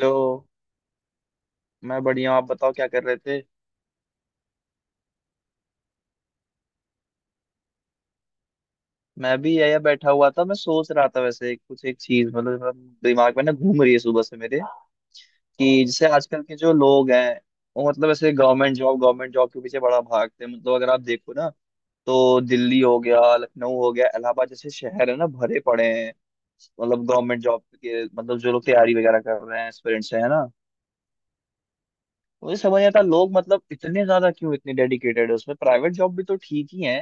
लो। मैं बढ़िया हूँ, आप बताओ क्या कर रहे थे। मैं भी यही बैठा हुआ था। मैं सोच रहा था वैसे कुछ एक चीज मतलब दिमाग में ना घूम रही है सुबह से मेरे, कि जैसे आजकल के जो लोग हैं वो मतलब ऐसे गवर्नमेंट जॉब के पीछे बड़ा भागते हैं। मतलब अगर आप देखो ना, तो दिल्ली हो गया, लखनऊ हो गया, इलाहाबाद जैसे शहर है ना, भरे पड़े हैं मतलब गवर्नमेंट जॉब के। मतलब जो लोग तैयारी वगैरह कर रहे हैं, एस्पिरेंट्स हैं ना, तो मुझे समझ नहीं आता लोग मतलब इतने ज्यादा क्यों इतने डेडिकेटेड है उसमें। प्राइवेट जॉब भी तो ठीक ही है।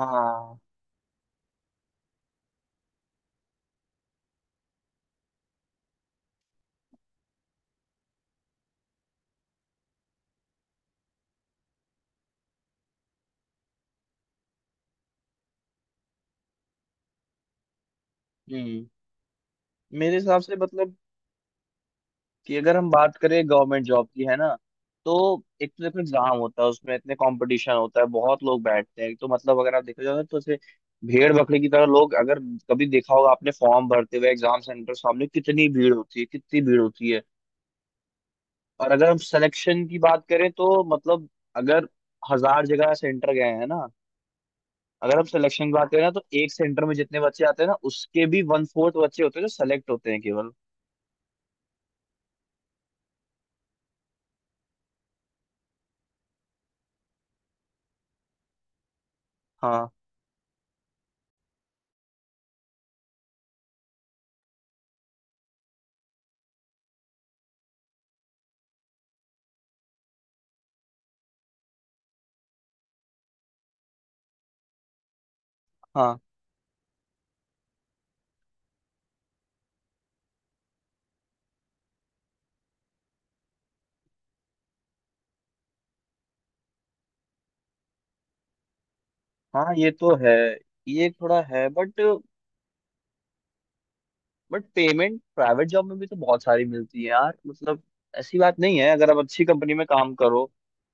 हाँ। हम्म। मेरे हिसाब से मतलब कि अगर हम बात करें गवर्नमेंट जॉब की, है ना, तो एक तो देखो एग्जाम होता है उसमें, इतने कंपटीशन होता है, बहुत लोग बैठते हैं। एक तो मतलब अगर आप देखा जाए तो ऐसे भेड़ बकरी की तरह लोग। अगर कभी देखा होगा आपने फॉर्म भरते हुए एग्जाम सेंटर सामने, कितनी भीड़ होती है कितनी भीड़ होती है। और अगर हम सिलेक्शन की बात करें, तो मतलब अगर हजार जगह सेंटर गए हैं ना, अगर हम सिलेक्शन की बात करें ना, तो एक सेंटर में जितने बच्चे आते हैं ना, उसके भी 1/4 बच्चे होते हैं जो सेलेक्ट होते हैं केवल। हाँ। हाँ। हाँ ये तो है। ये थोड़ा है बट पेमेंट प्राइवेट जॉब में भी तो बहुत सारी मिलती है यार। मतलब ऐसी बात नहीं है, अगर आप अच्छी कंपनी में काम करो,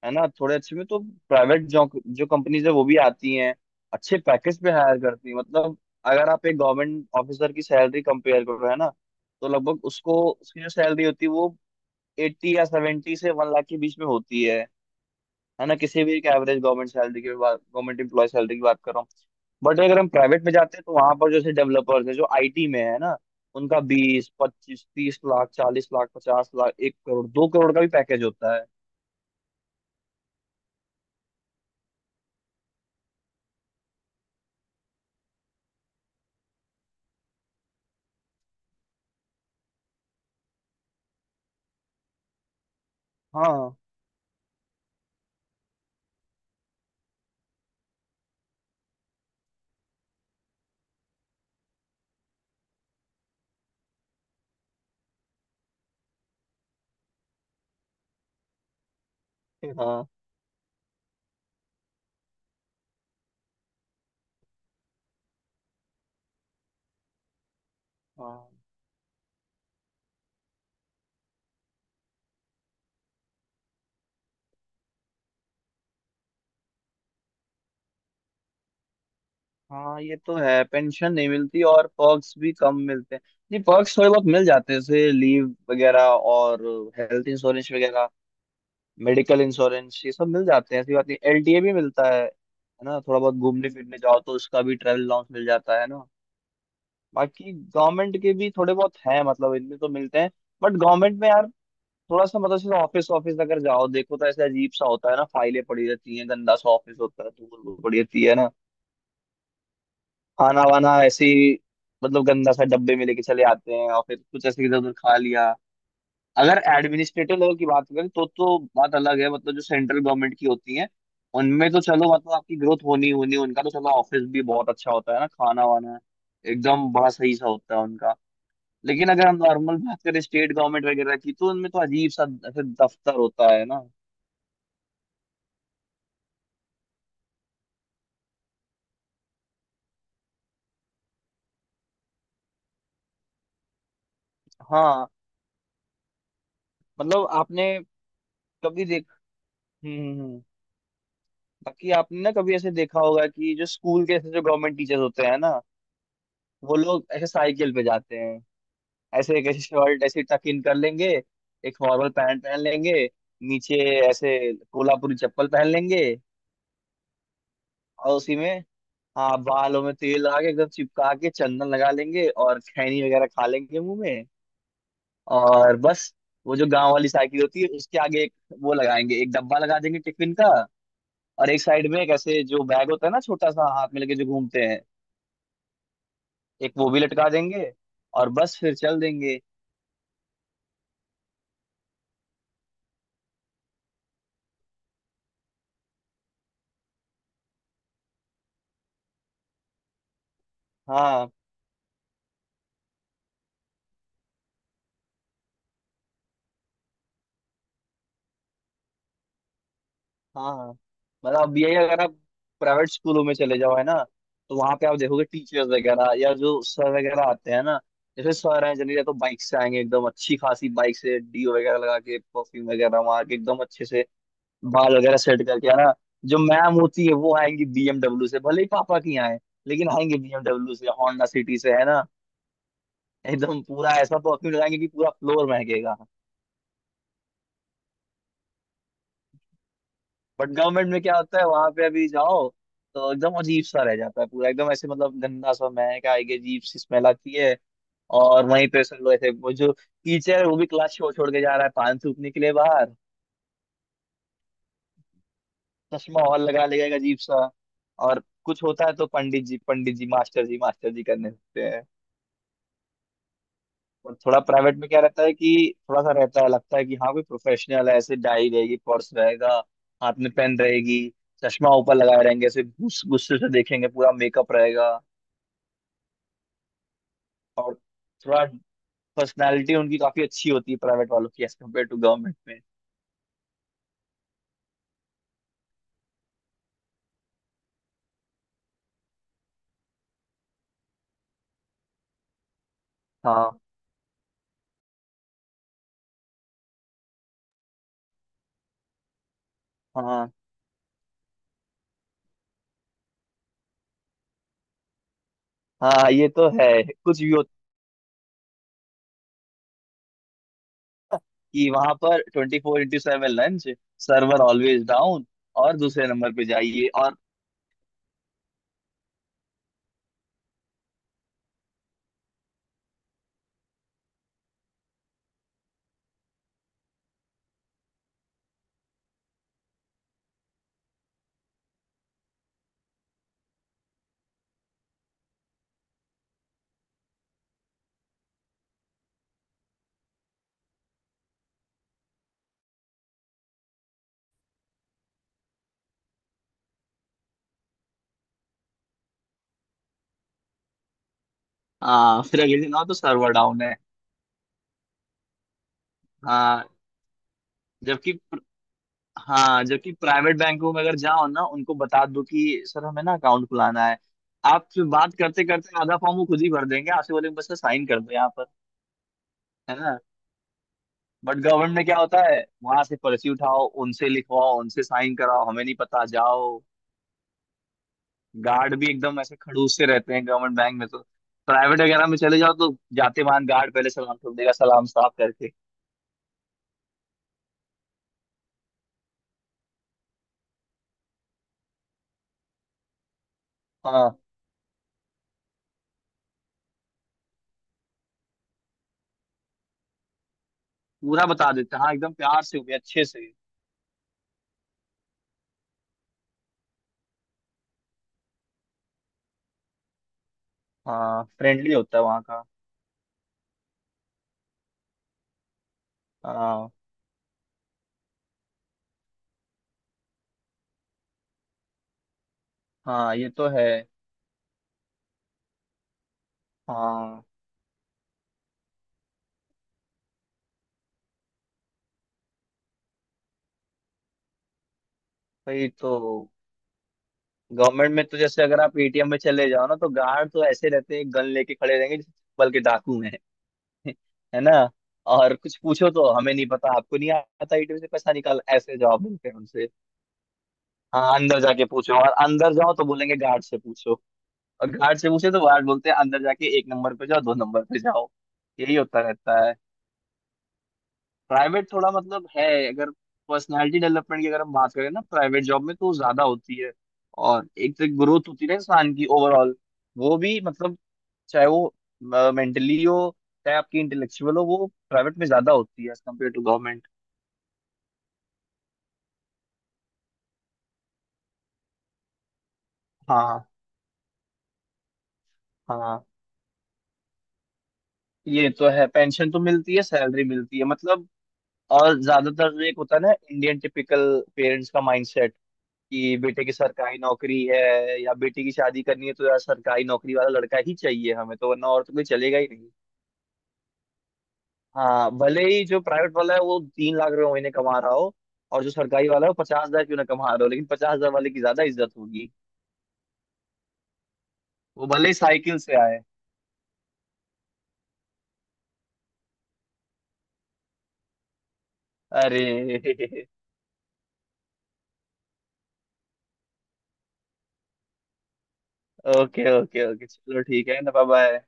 है ना, थोड़े अच्छे में तो प्राइवेट जॉब जो कंपनीज है वो भी आती हैं, अच्छे पैकेज पे हायर करती हैं मतलब। अगर आप एक गवर्नमेंट ऑफिसर की सैलरी कंपेयर करो, है ना, तो लगभग उसको उसकी जो सैलरी होती है वो 80 या 70 से 1 लाख के बीच में होती है। है ना, किसी भी एक एवरेज गवर्नमेंट सैलरी की बात, गवर्नमेंट एम्प्लॉय सैलरी की बात करो। बट अगर हम प्राइवेट में जाते हैं, तो वहां पर जैसे डेवलपर्स है जो आईटी में, है ना, उनका 20, 25, 30 लाख, 40 लाख, 50 लाख, 1 करोड़, 2 करोड़ का भी पैकेज होता है। हाँ फिर हाँ। हाँ। हाँ ये तो है, पेंशन नहीं मिलती और पर्क्स भी कम मिलते हैं। नहीं, पर्क्स थोड़े बहुत मिल जाते हैं, जैसे लीव वगैरह और हेल्थ इंश्योरेंस वगैरह, मेडिकल इंश्योरेंस, ये सब मिल जाते हैं, ऐसी बात नहीं। एलटीए भी मिलता है ना, थोड़ा बहुत घूमने फिरने जाओ तो उसका भी ट्रैवल अलाउंस मिल जाता है ना। बाकी गवर्नमेंट के भी थोड़े बहुत हैं मतलब इनमें तो मिलते हैं। बट गवर्नमेंट में यार थोड़ा सा मतलब जैसे, ऑफिस ऑफिस अगर जाओ देखो, तो ऐसे अजीब सा होता है ना, फाइलें पड़ी रहती हैं, गंदा सा ऑफिस होता है, धूल वूल पड़ी रहती है ना। खाना वाना ऐसे ही, मतलब गंदा सा डब्बे में लेके चले आते हैं, और फिर कुछ ऐसे इधर उधर खा लिया। अगर एडमिनिस्ट्रेटिव लेवल की बात करें तो बात अलग है, मतलब जो सेंट्रल गवर्नमेंट की होती है उनमें तो चलो, मतलब आपकी ग्रोथ होनी होनी, उनका तो चलो ऑफिस भी बहुत अच्छा होता है ना, खाना वाना एकदम बड़ा सही सा होता है उनका। लेकिन अगर हम नॉर्मल बात करें स्टेट गवर्नमेंट वगैरह की, तो उनमें तो अजीब सा ऐसे दफ्तर होता है ना। हाँ मतलब आपने कभी देख। हम्म हम्म, हम्म। बाकी आपने ना कभी ऐसे देखा होगा कि जो स्कूल के ऐसे जो गवर्नमेंट टीचर्स होते हैं ना, वो लोग ऐसे साइकिल पे जाते हैं। ऐसे एक ऐसे शर्ट ऐसे टक इन कर लेंगे, एक फॉर्मल पैंट पहन लेंगे नीचे, ऐसे कोल्हापुरी चप्पल पहन लेंगे, और उसी में, हाँ, बालों में तेल लगा के एकदम चिपका के चंदन लगा लेंगे और खैनी वगैरह खा लेंगे मुंह में। और बस वो जो गांव वाली साइकिल होती है उसके आगे एक वो लगाएंगे, एक डब्बा लगा देंगे टिफिन का, और एक साइड में एक ऐसे जो बैग होता है ना छोटा सा हाथ में लेके जो घूमते हैं, एक वो भी लटका देंगे, और बस फिर चल देंगे। हाँ। हाँ। हाँ। मतलब अब यही अगर आप प्राइवेट स्कूलों में चले जाओ, है ना, तो वहां पे आप देखोगे टीचर्स वगैरह या जो सर वगैरह आते हैं ना, जैसे सर हैं जनरली या तो बाइक से आएंगे एकदम अच्छी खासी बाइक से, डीओ वगैरह लगा के परफ्यूम वगैरह मार के एकदम अच्छे से बाल वगैरह सेट करके, है ना। जो मैम होती है वो आएंगी बीएमडब्ल्यू से, भले ही पापा की आए, लेकिन आएंगे बीएमडब्ल्यू से, होंडा सिटी से, है ना। एकदम पूरा ऐसा परफ्यूम लगाएंगे कि पूरा फ्लोर महकेगा। बट गवर्नमेंट में क्या होता है, वहां पे अभी जाओ तो एकदम अजीब सा रह जाता है पूरा, एकदम ऐसे मतलब गंदा सा, महक आएगी, अजीब सी स्मेल आती है। और वहीं पे सब लोग ऐसे, वो जो टीचर है वो भी क्लास छोड़ छोड़ के जा रहा है पान थूकने के लिए बाहर। चश्मा और लगा लेगा एक अजीब सा, और कुछ होता है तो पंडित जी मास्टर जी मास्टर जी करने होते हैं। और थोड़ा प्राइवेट में क्या रहता है कि थोड़ा सा रहता है, लगता है कि हाँ कोई प्रोफेशनल है, ऐसे डाई रहेगी, पर्स रहेगा, हाथ में पेन रहेगी, चश्मा ऊपर लगाए रहेंगे, ऐसे गुस्से से देखेंगे, पूरा मेकअप रहेगा। और थोड़ा पर्सनालिटी उनकी काफी अच्छी होती है, प्राइवेट वालों की एज कम्पेयर टू गवर्नमेंट में। हाँ। हाँ। हाँ ये तो है। कुछ भी हो कि वहां पर 24x7 lunch, server always down, और दूसरे नंबर पे जाइए और। हाँ फिर अगले दिन आओ तो सर्वर डाउन है। हाँ जबकि, हाँ जबकि प्राइवेट बैंकों में अगर जाओ ना, उनको बता दो कि सर हमें ना अकाउंट खुलाना है, आपसे बात करते करते आधा फॉर्म वो खुद ही भर देंगे, आपसे बोलेंगे बस साइन कर दो यहाँ पर। है ना? बट गवर्नमेंट में क्या होता है, वहां से पर्ची उठाओ उनसे लिखवाओ उनसे साइन कराओ, हमें नहीं पता जाओ। गार्ड भी एकदम ऐसे खड़ूस से रहते हैं गवर्नमेंट बैंक में तो। प्राइवेट वगैरह में चले जाओ तो जाते मान गार्ड पहले सलाम ठोक देगा, सलाम साफ करके। हाँ पूरा बता देते हैं, हाँ एकदम प्यार से होके अच्छे से। हाँ फ्रेंडली होता है वहाँ का। हाँ। हाँ ये तो है। हाँ भाई, तो गवर्नमेंट में तो जैसे अगर आप एटीएम में चले जाओ ना, तो गार्ड तो ऐसे रहते हैं गन लेके खड़े रहेंगे जैसे, बल्कि डाकू हैं। है ना? और कुछ पूछो तो हमें नहीं पता, आपको नहीं आता एटीएम से पैसा निकाल, ऐसे जवाब मिलते हैं उनसे। हाँ अंदर जाके पूछो, और अंदर जाओ तो बोलेंगे गार्ड से पूछो। और गार्ड से पूछे तो गार्ड बोलते हैं अंदर जाके एक नंबर पे जाओ, दो नंबर पे जाओ। यही होता रहता है। प्राइवेट थोड़ा मतलब है, अगर पर्सनालिटी डेवलपमेंट की अगर हम बात करें ना, प्राइवेट जॉब में तो ज्यादा होती है। और एक तो ग्रोथ होती है ना इंसान की ओवरऑल, वो भी मतलब, चाहे वो मेंटली हो चाहे आपकी इंटेलेक्चुअल हो, वो प्राइवेट में ज्यादा होती है एज कम्पेयर टू गवर्नमेंट। हाँ। हाँ ये तो है, पेंशन तो मिलती है सैलरी मिलती है मतलब। और ज्यादातर एक होता है ना इंडियन टिपिकल पेरेंट्स का माइंडसेट, कि बेटे की सरकारी नौकरी है, या बेटी की शादी करनी है तो यार सरकारी नौकरी वाला लड़का ही चाहिए हमें तो, वरना और तो कोई चलेगा ही नहीं। हाँ भले ही जो प्राइवेट वाला है वो 3 लाख रुपए महीने कमा रहा हो, और जो सरकारी वाला है वो 50 हजार क्यों ना कमा रहा हो, लेकिन 50 हजार वाले की ज्यादा इज्जत होगी। वो भले ही साइकिल से आए। अरे ओके ओके ओके चलो ठीक है ना बाय।